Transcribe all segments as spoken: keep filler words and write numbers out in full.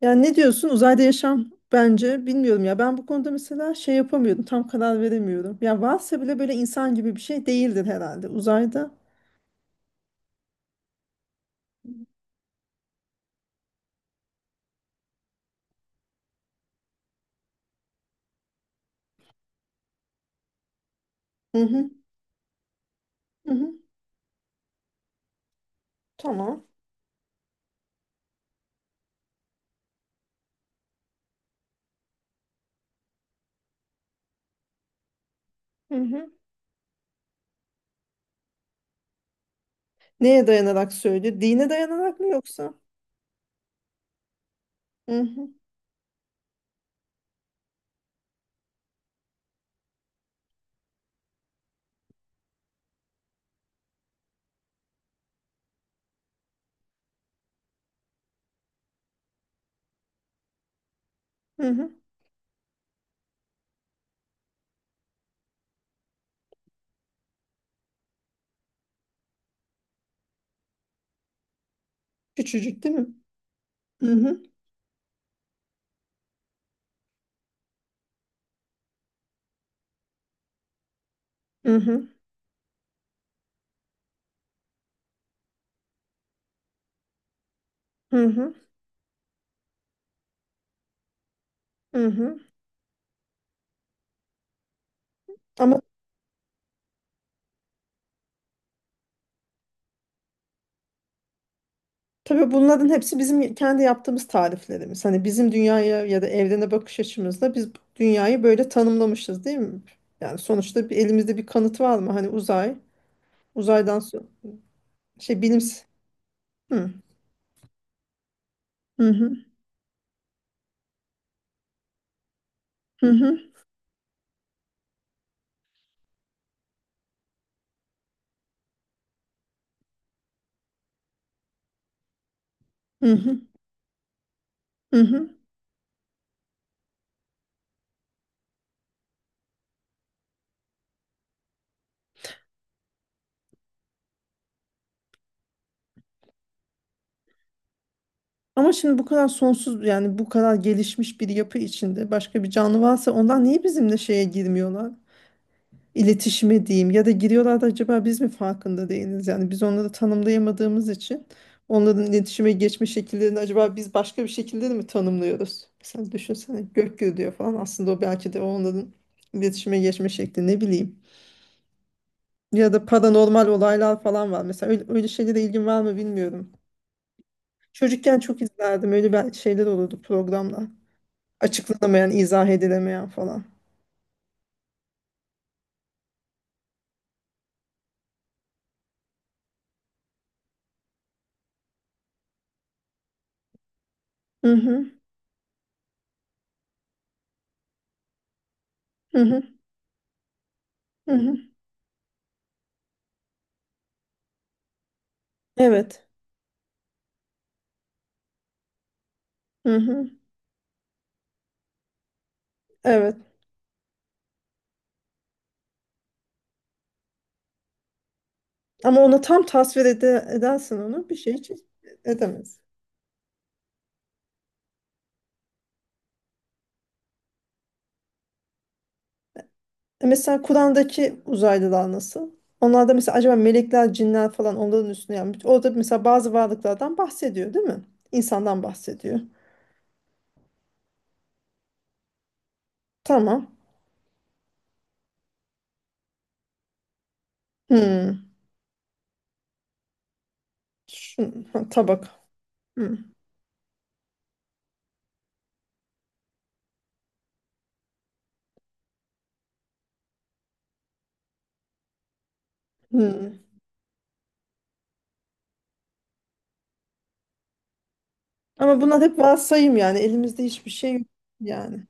Yani ne diyorsun uzayda yaşam? Bence bilmiyorum ya, ben bu konuda mesela şey yapamıyordum, tam karar veremiyorum. Ya varsa bile böyle insan gibi bir şey değildir herhalde uzayda. Hı hı, hı hı, tamam. Hı hı. Neye dayanarak söylüyor? Dine dayanarak mı yoksa? Hı hı, hı hı. Küçücük değil mi? Hı hı, hı hı, hı hı. Hı hı. Ama tabii bunların hepsi bizim kendi yaptığımız tariflerimiz. Hani bizim dünyaya ya da evrene bakış açımızda biz bu dünyayı böyle tanımlamışız, değil mi? Yani sonuçta bir, elimizde bir kanıt var mı? Hani uzay, uzaydan so-, şey, bilim... Hı. Hı hı, hı hı, hı hı, hı hı. Ama şimdi bu kadar sonsuz, yani bu kadar gelişmiş bir yapı içinde başka bir canlı varsa ondan niye bizimle şeye girmiyorlar? İletişime diyeyim, ya da giriyorlar da acaba biz mi farkında değiliz? Yani biz onları tanımlayamadığımız için onların iletişime geçme şekillerini acaba biz başka bir şekilde de mi tanımlıyoruz? Mesela düşünsene, gök gürülüyor falan, aslında o belki de onların iletişime geçme şekli, ne bileyim. Ya da paranormal olaylar falan var. Mesela öyle, öyle şeylere ilgin var mı bilmiyorum. Çocukken çok izlerdim. Öyle bel-, şeyler olurdu, programlar. Açıklanamayan, izah edilemeyen falan. Hı hı, hı hı, hı hı. Evet. Hı hı. Evet. Ama ona tam tasvir ede edersen, onu bir şey hiç edemez. E mesela Kur'an'daki uzaylılar nasıl? Onlar da mesela acaba melekler, cinler falan onların üstüne yapmış. Orada mesela bazı varlıklardan bahsediyor, değil mi? İnsandan bahsediyor. Tamam. Hmm. Şu, ha, tabak. Hmm. Hmm. Ama bunlar hep varsayım yani. Elimizde hiçbir şey yok yani.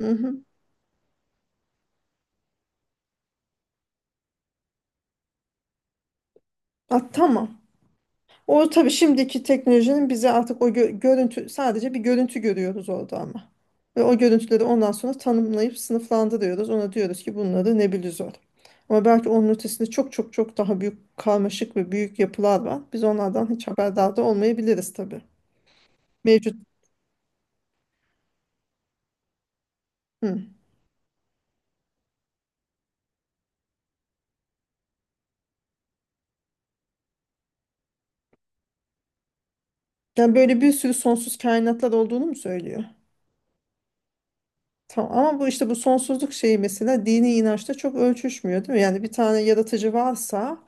Hı hı. Ah, tamam. O tabii şimdiki teknolojinin bize artık, o gö- görüntü, sadece bir görüntü görüyoruz orada ama. Ve o görüntüleri ondan sonra tanımlayıp sınıflandırıyoruz. Ona diyoruz ki bunları nebulizör. Ama belki onun ötesinde çok çok çok daha büyük, karmaşık ve büyük yapılar var. Biz onlardan hiç haberdar da olmayabiliriz tabii. Mevcut. Hı. Yani böyle bir sürü sonsuz kainatlar olduğunu mu söylüyor? Tamam, ama bu işte, bu sonsuzluk şeyi mesela dini inançta çok ölçüşmüyor değil mi? Yani bir tane yaratıcı varsa,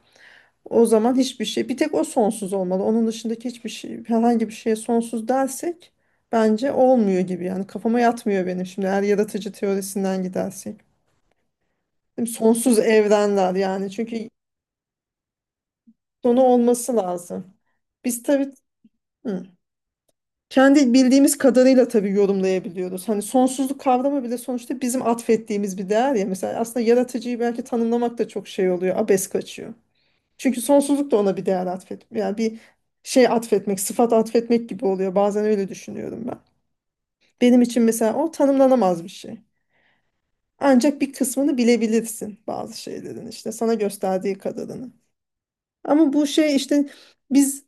o zaman hiçbir şey, bir tek o sonsuz olmalı. Onun dışındaki hiçbir şey, herhangi bir şeye sonsuz dersek bence olmuyor gibi. Yani kafama yatmıyor benim, şimdi eğer yaratıcı teorisinden gidersek. Değil mi? Sonsuz evrenler, yani çünkü sonu olması lazım. Biz tabii, hı, kendi bildiğimiz kadarıyla tabii yorumlayabiliyoruz. Hani sonsuzluk kavramı bile sonuçta bizim atfettiğimiz bir değer ya. Mesela aslında yaratıcıyı belki tanımlamak da çok şey oluyor, abes kaçıyor. Çünkü sonsuzluk da ona bir değer atfet. Yani bir şey atfetmek, sıfat atfetmek gibi oluyor. Bazen öyle düşünüyorum ben. Benim için mesela o tanımlanamaz bir şey. Ancak bir kısmını bilebilirsin, bazı şeylerin işte sana gösterdiği kadarını. Ama bu şey işte, biz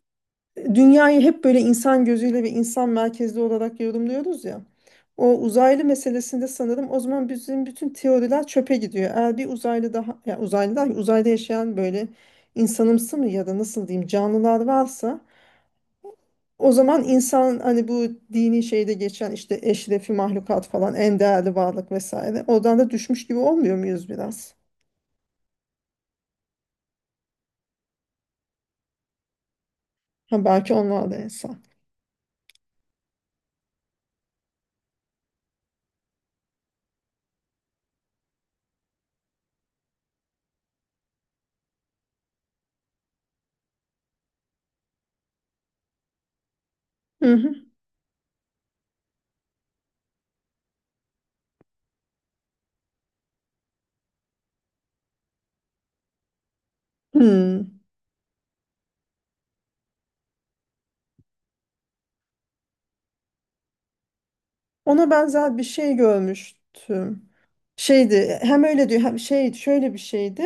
dünyayı hep böyle insan gözüyle ve insan merkezli olarak yorumluyoruz ya. O uzaylı meselesinde sanırım o zaman bizim bütün teoriler çöpe gidiyor. Eğer bir uzaylı daha, ya uzaylı daha, uzayda yaşayan böyle insanımsı mı, ya da nasıl diyeyim, canlılar varsa, o zaman insan, hani bu dini şeyde geçen işte eşrefi mahlukat falan, en değerli varlık vesaire, oradan da düşmüş gibi olmuyor muyuz biraz? Ha, belki onlar da insan. Hı. Hmm. Ona benzer bir şey görmüştüm. Şeydi, hem öyle diyor, hem şey, şöyle bir şeydi.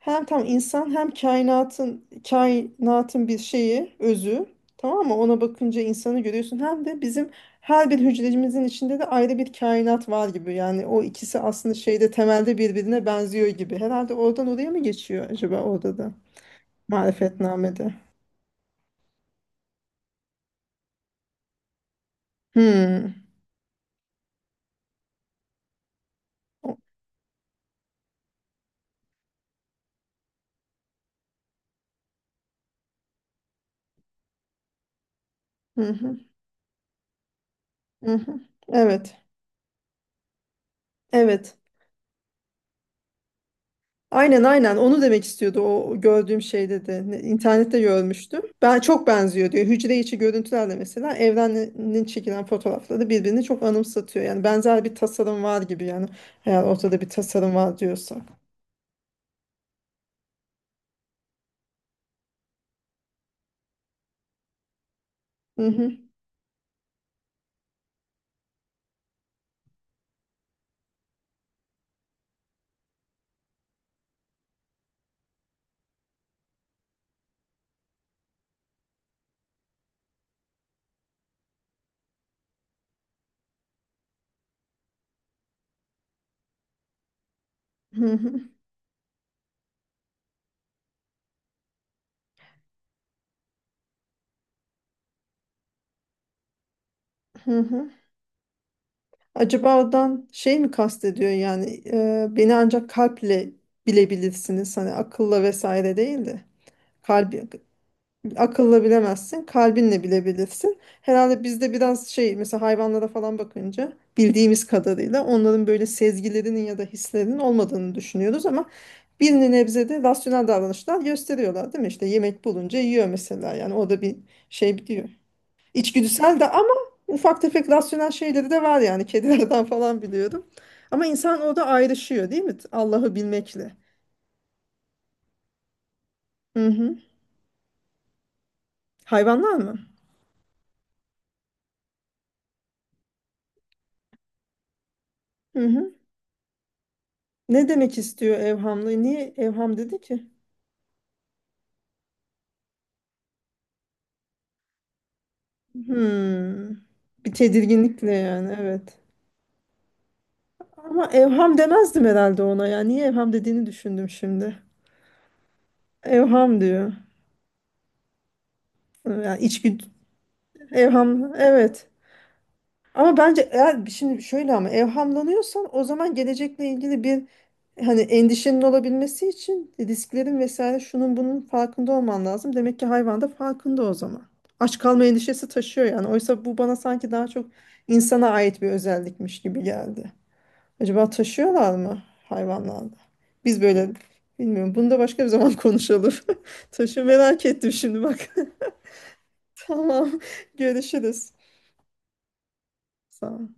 Hem tam insan, hem kainatın kainatın bir şeyi, özü, tamam mı? Ona bakınca insanı görüyorsun. Hem de bizim her bir hücrecimizin içinde de ayrı bir kainat var gibi. Yani o ikisi aslında şeyde, temelde birbirine benziyor gibi. Herhalde oradan oraya mı geçiyor acaba, orada da? Marifetname'de. Hmm. Hı hı. Hı hı. Evet. Evet. Aynen, aynen onu demek istiyordu, o gördüğüm şey dedi. Ne-, İnternette görmüştüm. Ben çok benziyor diyor. Hücre içi görüntülerle mesela evrenin çekilen fotoğrafları birbirini çok anımsatıyor. Yani benzer bir tasarım var gibi yani, eğer ortada bir tasarım var diyorsa. Hı hı, hı hı, hı hı. Acaba oradan şey mi kastediyor, yani e, beni ancak kalple bilebilirsiniz, hani akılla vesaire değil de kalbi. Akılla bilemezsin, kalbinle bilebilirsin. Herhalde bizde biraz şey, mesela hayvanlara falan bakınca bildiğimiz kadarıyla onların böyle sezgilerinin ya da hislerinin olmadığını düşünüyoruz ama bir nebzede rasyonel davranışlar gösteriyorlar değil mi? İşte yemek bulunca yiyor mesela, yani o da bir şey diyor. İçgüdüsel de, ama ufak tefek rasyonel şeyleri de var yani, kedilerden falan biliyorum. Ama insan orada ayrışıyor değil mi? Allah'ı bilmekle. Hı hı. Hayvanlar mı? Hı hı. Ne demek istiyor evhamlı? Niye evham dedi ki? Hmm. Bir tedirginlikle, yani, evet. Ama evham demezdim herhalde ona ya. Niye evham dediğini düşündüm şimdi. Evham diyor. Yani içgüdü. Evham, evet. Ama bence eğer şimdi şöyle, ama evhamlanıyorsan o zaman gelecekle ilgili bir, hani endişenin olabilmesi için risklerin vesaire şunun bunun farkında olman lazım. Demek ki hayvan da farkında o zaman. Aç kalma endişesi taşıyor yani. Oysa bu bana sanki daha çok insana ait bir özellikmiş gibi geldi. Acaba taşıyorlar mı hayvanlarda? Biz böyle, bilmiyorum. Bunu da başka bir zaman konuşalım. Taşı merak ettim şimdi bak. Tamam. Görüşürüz. Sağ ol.